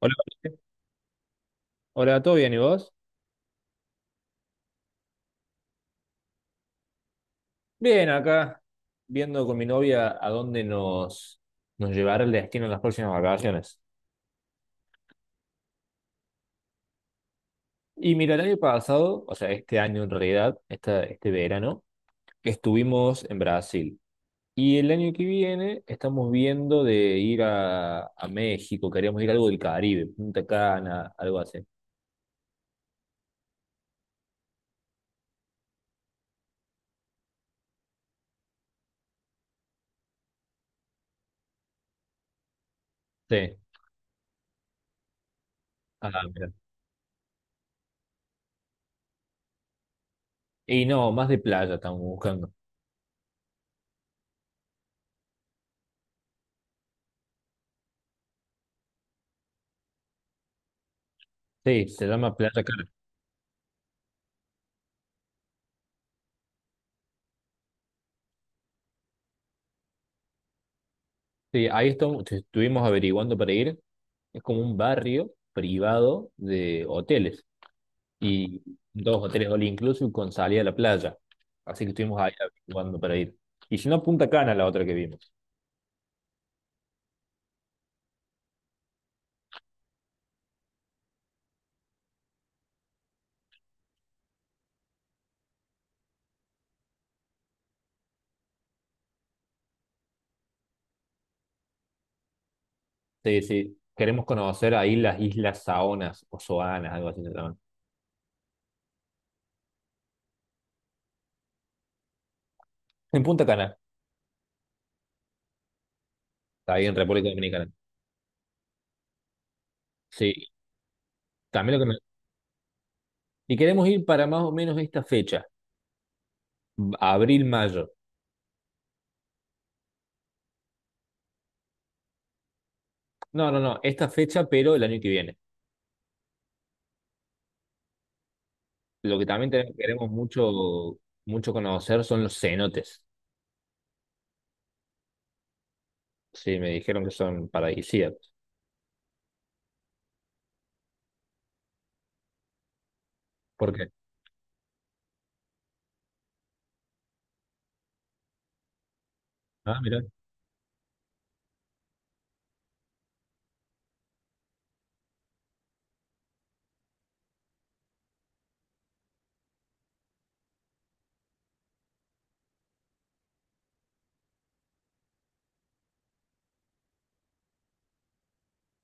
Hola, Jorge. Hola, ¿todo bien? ¿Y vos? Bien, acá viendo con mi novia a dónde nos llevará el destino en las próximas vacaciones. Y mira, el año pasado, o sea, este año en realidad, este verano, estuvimos en Brasil. Y el año que viene estamos viendo de ir a México, queríamos ir a algo del Caribe, Punta Cana, algo así. Sí, ah, mira. Y no, más de playa estamos buscando. Sí, se llama Playa Cana. Sí, ahí estamos, estuvimos averiguando para ir. Es como un barrio privado de hoteles y dos hoteles all inclusive con salida a la playa. Así que estuvimos ahí averiguando para ir. Y si no, Punta Cana, la otra que vimos. Sí, sí. Queremos conocer ahí las islas Saonas o Soanas, algo así se llaman. En Punta Cana, está ahí en República Dominicana. Sí, también y queremos ir para más o menos esta fecha, abril, mayo. No, no, no, esta fecha, pero el año que viene. Lo que también queremos mucho, mucho conocer son los cenotes. Sí, me dijeron que son paradisíacos. ¿Por qué? Ah, mirá,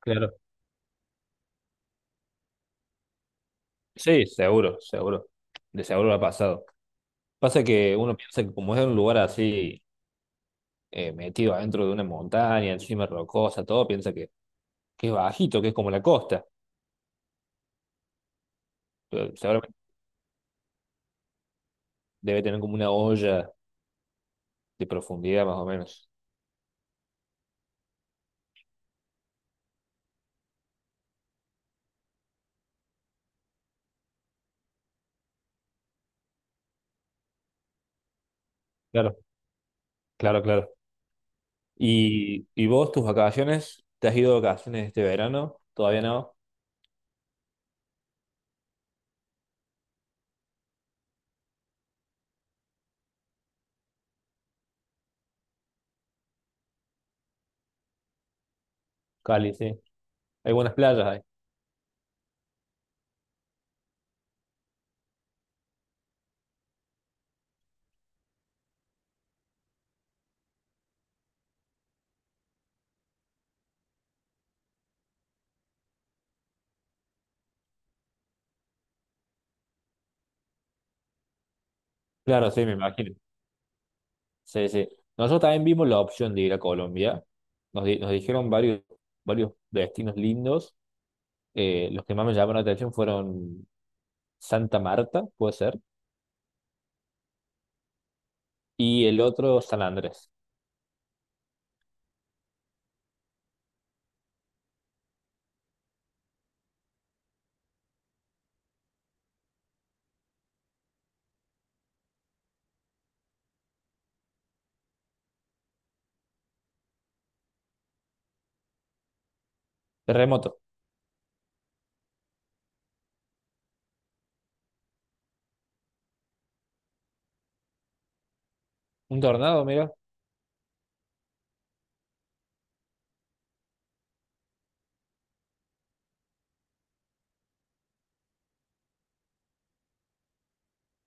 claro. Sí, seguro, seguro. De seguro lo ha pasado. Pasa que uno piensa que como es un lugar así, metido adentro de una montaña, encima rocosa, todo, que es bajito, que es como la costa. Pero seguramente debe tener como una olla de profundidad más o menos. Claro, claro, claro. Y vos, tus vacaciones? ¿Te has ido de vacaciones este verano? ¿Todavía no? Cali, sí. Hay buenas playas ahí. Claro, sí, me imagino. Sí, sí. Nosotros también vimos la opción de ir a Colombia. Nos dijeron varios destinos lindos. Los que más me llamaron la atención fueron Santa Marta, puede ser, y el otro San Andrés. Terremoto. Un tornado, mira.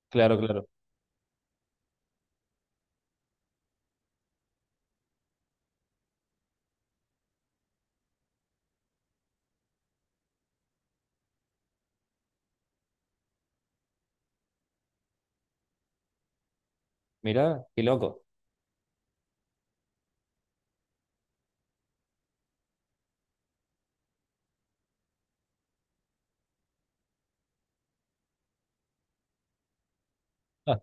Claro, claro. Mira, qué loco. Ah,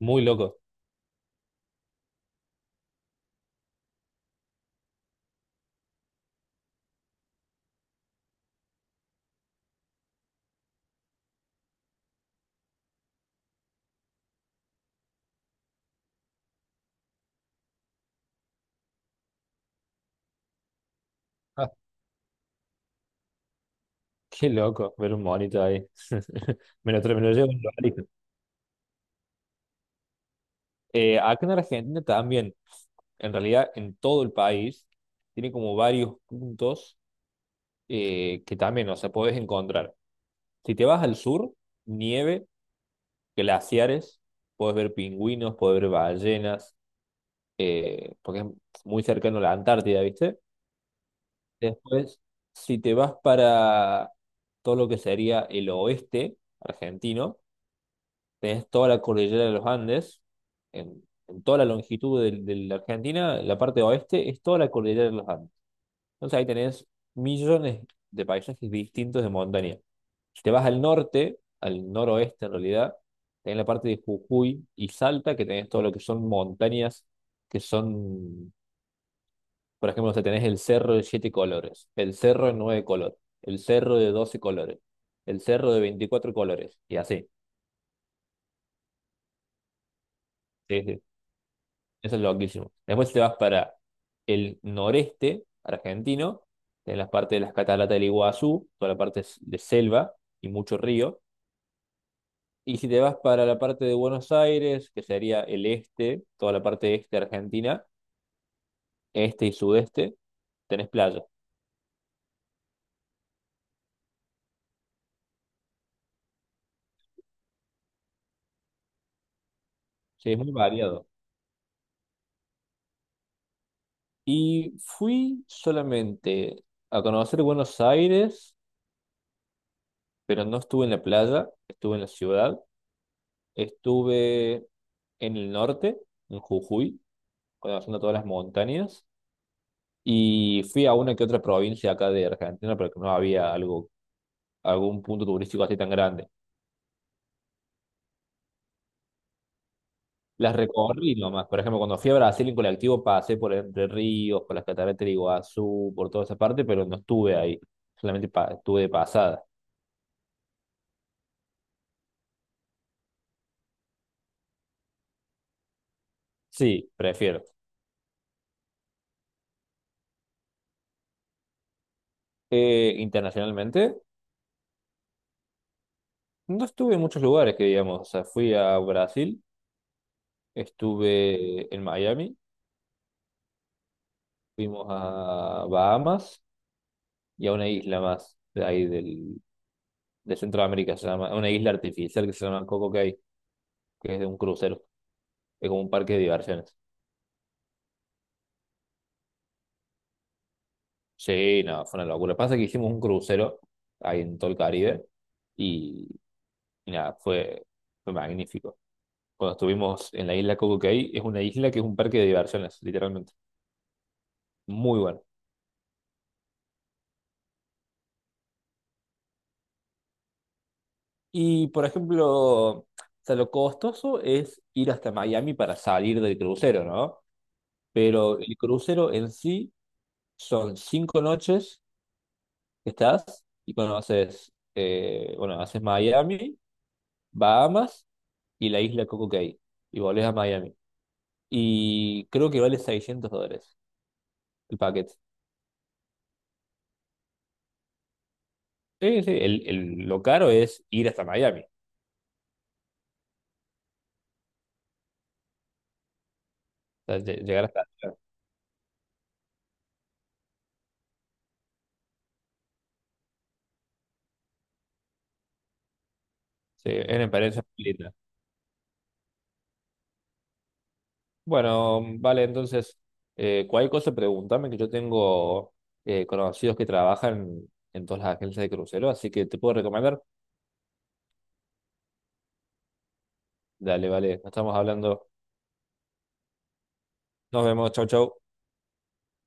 muy loco. Ah, qué loco ver un monito ahí. Me lo llevo en el acá en Argentina también en realidad en todo el país, tiene como varios puntos que también, o sea, podés encontrar. Si te vas al sur, nieve, glaciares, puedes ver pingüinos, puedes ver ballenas, porque es muy cercano a la Antártida, ¿viste? Después, si te vas para todo lo que sería el oeste argentino, tenés toda la cordillera de los Andes, en toda la longitud de la Argentina, la parte oeste es toda la cordillera de los Andes. Entonces ahí tenés millones de paisajes distintos de montaña. Si te vas al norte, al noroeste en realidad, tenés la parte de Jujuy y Salta, que tenés todo lo que son montañas, que son, por ejemplo, o sea, tenés el cerro de siete colores, el cerro de nueve colores, el cerro de doce colores, el cerro de veinticuatro colores, y así. Sí, sí. Eso es loquísimo. Después si te vas para el noreste argentino, en las partes de las cataratas del Iguazú, toda la de selva y mucho río. Y si te vas para la parte de Buenos Aires, que sería el este, toda la parte este argentina, este y sudeste, tenés playa. Sí, es muy variado. Y fui solamente a conocer Buenos Aires, pero no estuve en la playa, estuve en la ciudad, estuve en el norte, en Jujuy conociendo todas las montañas. Y fui a una que otra provincia acá de Argentina, pero que no había algo, algún punto turístico así tan grande. Las recorrí nomás. Por ejemplo, cuando fui a Brasil en colectivo pasé por Entre Ríos, por las cataratas de Iguazú, por toda esa parte, pero no estuve ahí. Estuve de pasada. Sí, prefiero. Internacionalmente, no estuve en muchos lugares que digamos. O sea, fui a Brasil, estuve en Miami, fuimos a Bahamas y a una isla más de ahí del de Centroamérica, se llama, una isla artificial que se llama Coco Cay, que es de un crucero, es como un parque de diversiones. Sí, no, fue una locura. Pasa que hicimos un crucero ahí en todo el Caribe y, y nada, fue magnífico. Cuando estuvimos en la isla Coco Cay, es una isla que es un parque de diversiones, literalmente. Muy bueno. Y por ejemplo, o sea, lo costoso es ir hasta Miami para salir del crucero, ¿no? Pero el crucero en sí son cinco noches que estás y conoces, bueno, haces Miami, Bahamas y la isla Coco Cay y volvés a Miami. Y creo que vale $600 el paquete. Sí, sí, lo caro es ir hasta Miami, o sea, llegar hasta allá. Sí, es una experiencia muy linda. Bueno, vale, entonces, cualquier cosa pregúntame, que yo tengo conocidos que trabajan en todas las agencias de crucero, así que te puedo recomendar. Dale, vale, nos estamos hablando. Nos vemos, chau, chau.